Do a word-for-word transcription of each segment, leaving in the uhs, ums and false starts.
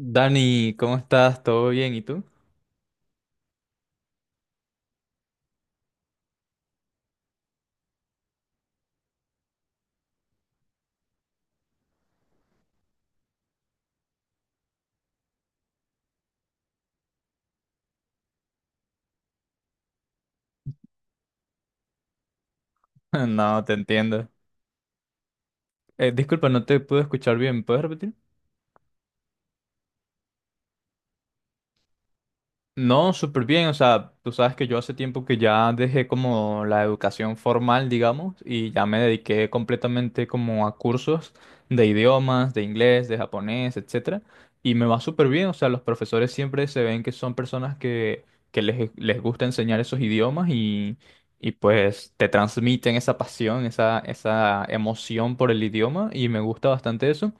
Dani, ¿cómo estás? ¿Todo bien? ¿Y tú? No, te entiendo. Eh, disculpa, no te puedo escuchar bien. ¿Puedes repetir? No, súper bien. O sea, tú sabes que yo hace tiempo que ya dejé como la educación formal, digamos, y ya me dediqué completamente como a cursos de idiomas, de inglés, de japonés, etcétera. Y me va súper bien. O sea, los profesores siempre se ven que son personas que, que les, les gusta enseñar esos idiomas y, y pues te transmiten esa pasión, esa, esa emoción por el idioma y me gusta bastante eso.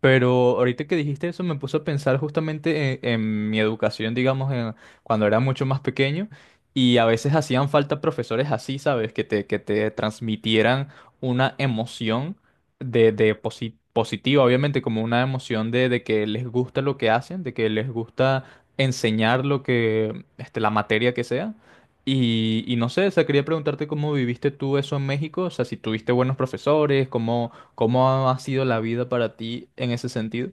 Pero ahorita que dijiste eso me puso a pensar justamente en, en mi educación, digamos, en- cuando era mucho más pequeño y a veces hacían falta profesores así, ¿sabes? Que te, que te transmitieran una emoción de, de posi- positiva, obviamente, como una emoción de, de que les gusta lo que hacen, de que les gusta enseñar lo que, este, la materia que sea. Y, y no sé, o sea, quería preguntarte cómo viviste tú eso en México, o sea, si tuviste buenos profesores, cómo. ¿Cómo ha sido la vida para ti en ese sentido?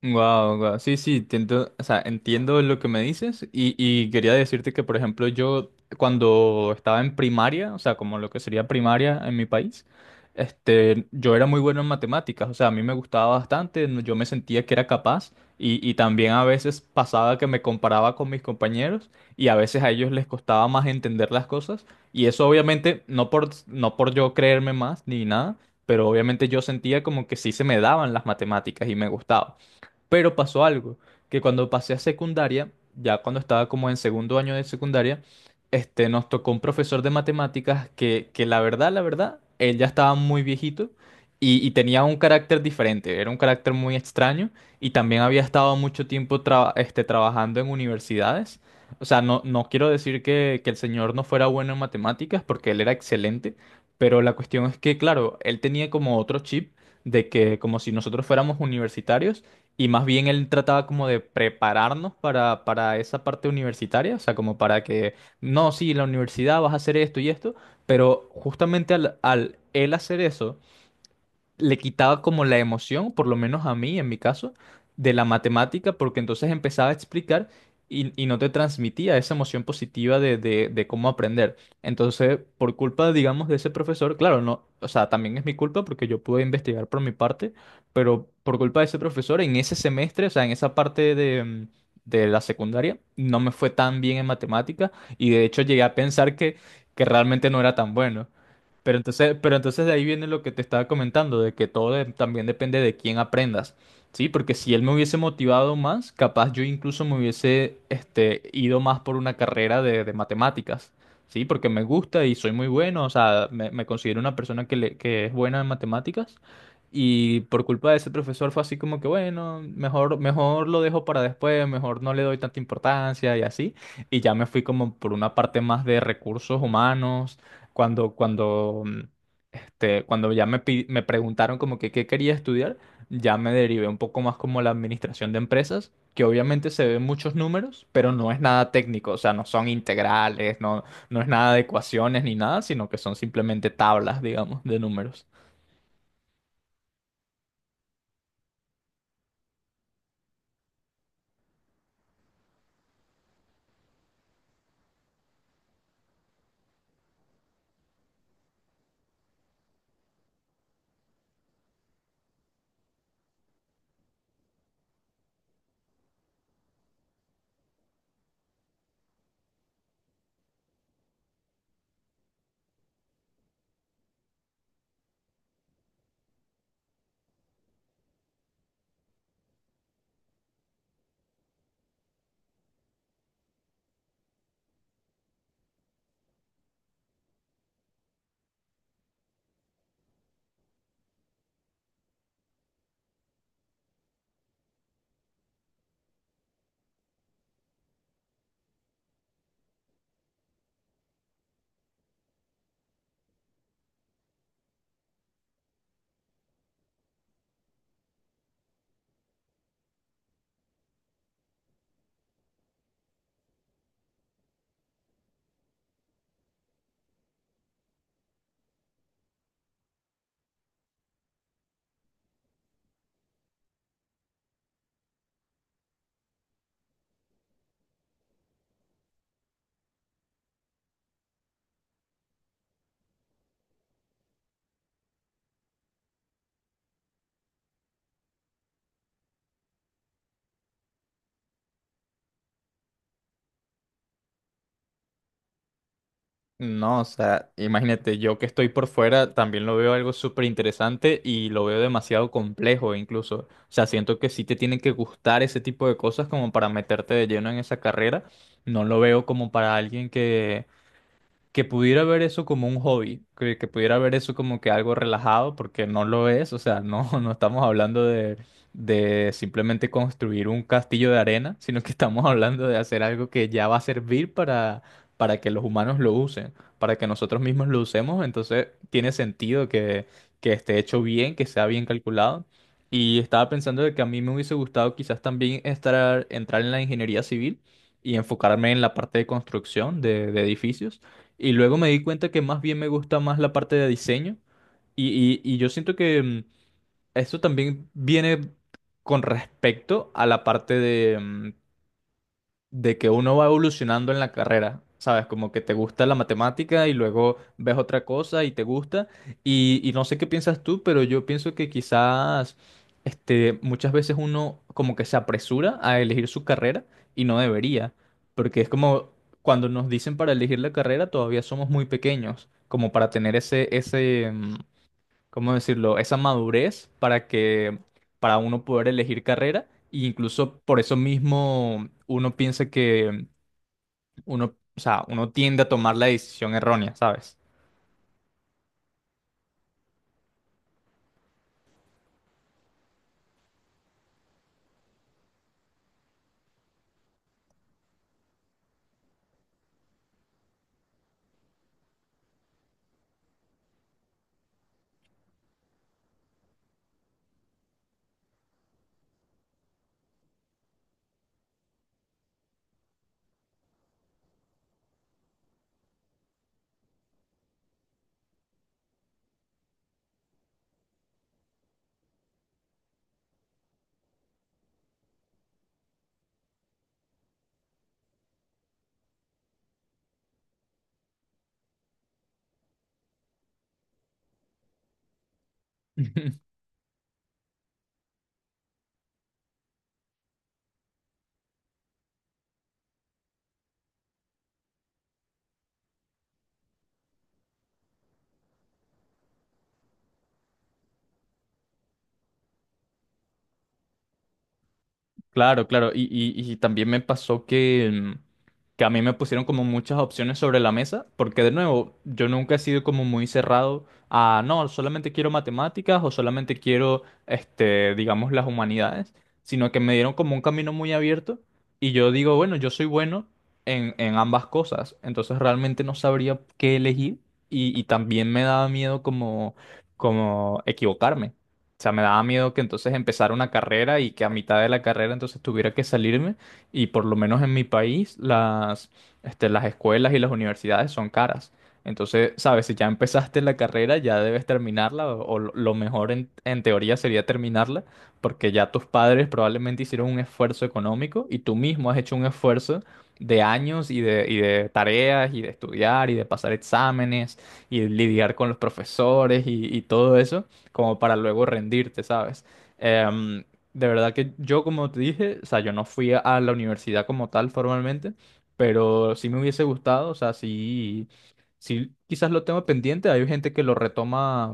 Wow, wow. Sí, sí, entiendo, o sea, entiendo lo que me dices y, y quería decirte que, por ejemplo, yo cuando estaba en primaria, o sea, como lo que sería primaria en mi país, este, yo era muy bueno en matemáticas, o sea, a mí me gustaba bastante, no- yo me sentía que era capaz y, y también a veces pasaba que me comparaba con mis compañeros y a veces a ellos les costaba más entender las cosas y eso obviamente no por, no por yo creerme más ni nada, pero obviamente yo sentía como que sí se me daban las matemáticas y me gustaba. Pero pasó algo, que cuando pasé a secundaria, ya cuando estaba como en segundo año de secundaria, este, nos tocó un profesor de matemáticas que, que la verdad, la verdad, él ya estaba muy viejito y, y tenía un carácter diferente, era un carácter muy extraño y también había estado mucho tiempo traba- este, trabajando en universidades. O sea, no, no quiero decir que, que el señor no fuera bueno en matemáticas porque él era excelente, pero la cuestión es que, claro, él tenía como otro chip de que como si nosotros fuéramos universitarios y más bien él trataba como de prepararnos para, para esa parte universitaria, o sea, como para que, no, sí, la universidad vas a hacer esto y esto, pero justamente al, al él hacer eso, le quitaba como la emoción, por lo menos a mí, en mi caso, de la matemática, porque entonces empezaba a explicar y, y no te transmitía esa emoción positiva de, de, de cómo aprender. Entonces, por culpa, digamos, de ese profesor, claro, no, o sea, también es mi culpa porque yo pude investigar por mi parte, pero por culpa de ese profesor, en ese semestre, o sea, en esa parte de... mm, de la secundaria, no me fue tan bien en matemática y de hecho llegué a pensar que, que realmente no era tan bueno. Pero entonces, pero entonces de ahí viene lo que te estaba comentando, de que todo de- también depende de quién aprendas, ¿sí? Porque si él me hubiese motivado más, capaz yo incluso me hubiese este, ido más por una carrera de, de matemáticas, ¿sí? Porque me gusta y soy muy bueno, o sea, me, me considero una persona que, le- que es buena en matemáticas y por culpa de ese profesor fue así como que, bueno, mejor, mejor lo dejo para después, mejor no le doy tanta importancia y así, y ya me fui como por una parte más de recursos humanos cuando, cuando, mm, este, cuando ya me, pi- me preguntaron como que qué quería estudiar, ya me derivé un poco más como la administración de empresas, que obviamente se ven muchos números, pero no es nada técnico, o sea, no son integrales, no, no es nada de ecuaciones ni nada, sino que son simplemente tablas, digamos, de números. No, o sea, imagínate, yo que estoy por fuera también lo veo algo súper interesante y lo veo demasiado complejo incluso. O sea, siento que sí te tienen que gustar ese tipo de cosas como para meterte de lleno en esa carrera. No lo veo como para alguien que que pudiera ver eso como un hobby, que, que pudiera ver eso como que algo relajado, porque no lo es, o sea, no, no estamos hablando de, de simplemente construir un castillo de arena, sino que estamos hablando de hacer algo que ya va a servir para, para que los humanos lo usen, para que nosotros mismos lo usemos, entonces tiene sentido que, que esté hecho bien, que sea bien calculado. Y estaba pensando de que a mí me hubiese gustado quizás también estar, entrar en la ingeniería civil y enfocarme en la parte de construcción de de edificios y luego me di cuenta que más bien me gusta más la parte de diseño. Y, y- y yo siento que mm, esto también viene con respecto a la parte de, mm, de que uno va evolucionando en la carrera, ¿sabes? Como que te gusta la matemática y luego ves otra cosa y te gusta. Y, y no sé qué piensas tú, pero yo pienso que quizás este, muchas veces uno como que se apresura a elegir su carrera y no debería, porque es como cuando nos dicen para elegir la carrera todavía somos muy pequeños, como para tener ese, ese, mm, ¿cómo decirlo? Esa madurez para que, para uno poder elegir carrera, e incluso por eso mismo uno piensa que uno, o sea, uno tiende a tomar la decisión errónea, ¿sabes? Claro, claro. Y, y- y también me pasó que, mm, que a mí me pusieron como muchas opciones sobre la mesa, porque de nuevo, yo nunca he sido como muy cerrado a, no, solamente quiero matemáticas o solamente quiero, este, digamos, las humanidades, sino que me dieron como un camino muy abierto y yo digo, bueno, yo soy bueno en, en ambas cosas, entonces realmente no sabría qué elegir y, y también me daba miedo como, como equivocarme. O sea, me daba miedo que entonces empezara una carrera y que a mitad de la carrera entonces tuviera que salirme. Y por lo menos en mi país, las, este, las escuelas y las universidades son caras. Entonces, sabes, si ya empezaste la carrera, ya debes terminarla, o, o lo lo mejor en, en teoría sería terminarla, porque ya tus padres probablemente hicieron un esfuerzo económico y tú mismo has hecho un esfuerzo de años y de, y de tareas y de estudiar y de pasar exámenes y lidiar con los profesores y y todo eso como para luego rendirte, ¿sabes? Em, de verdad que yo, como te dije, o sea, yo no fui a a la universidad como tal formalmente, pero sí me hubiese gustado, o sea, sí, sí quizás lo tengo pendiente, hay gente que lo retoma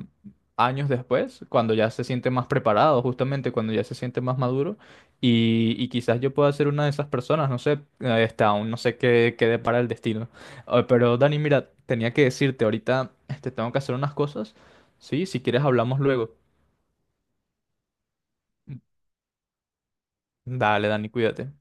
años después, cuando ya se siente más preparado, justamente cuando ya se siente más maduro, y, y quizás yo pueda ser una de esas personas, no sé, eh, está, aún no sé qué, qué depara el destino. Ah, Pero Dani, mira, tenía que decirte ahorita, este, tengo que hacer unas cosas. Sí, si quieres hablamos luego. Dale, Dani, cuídate.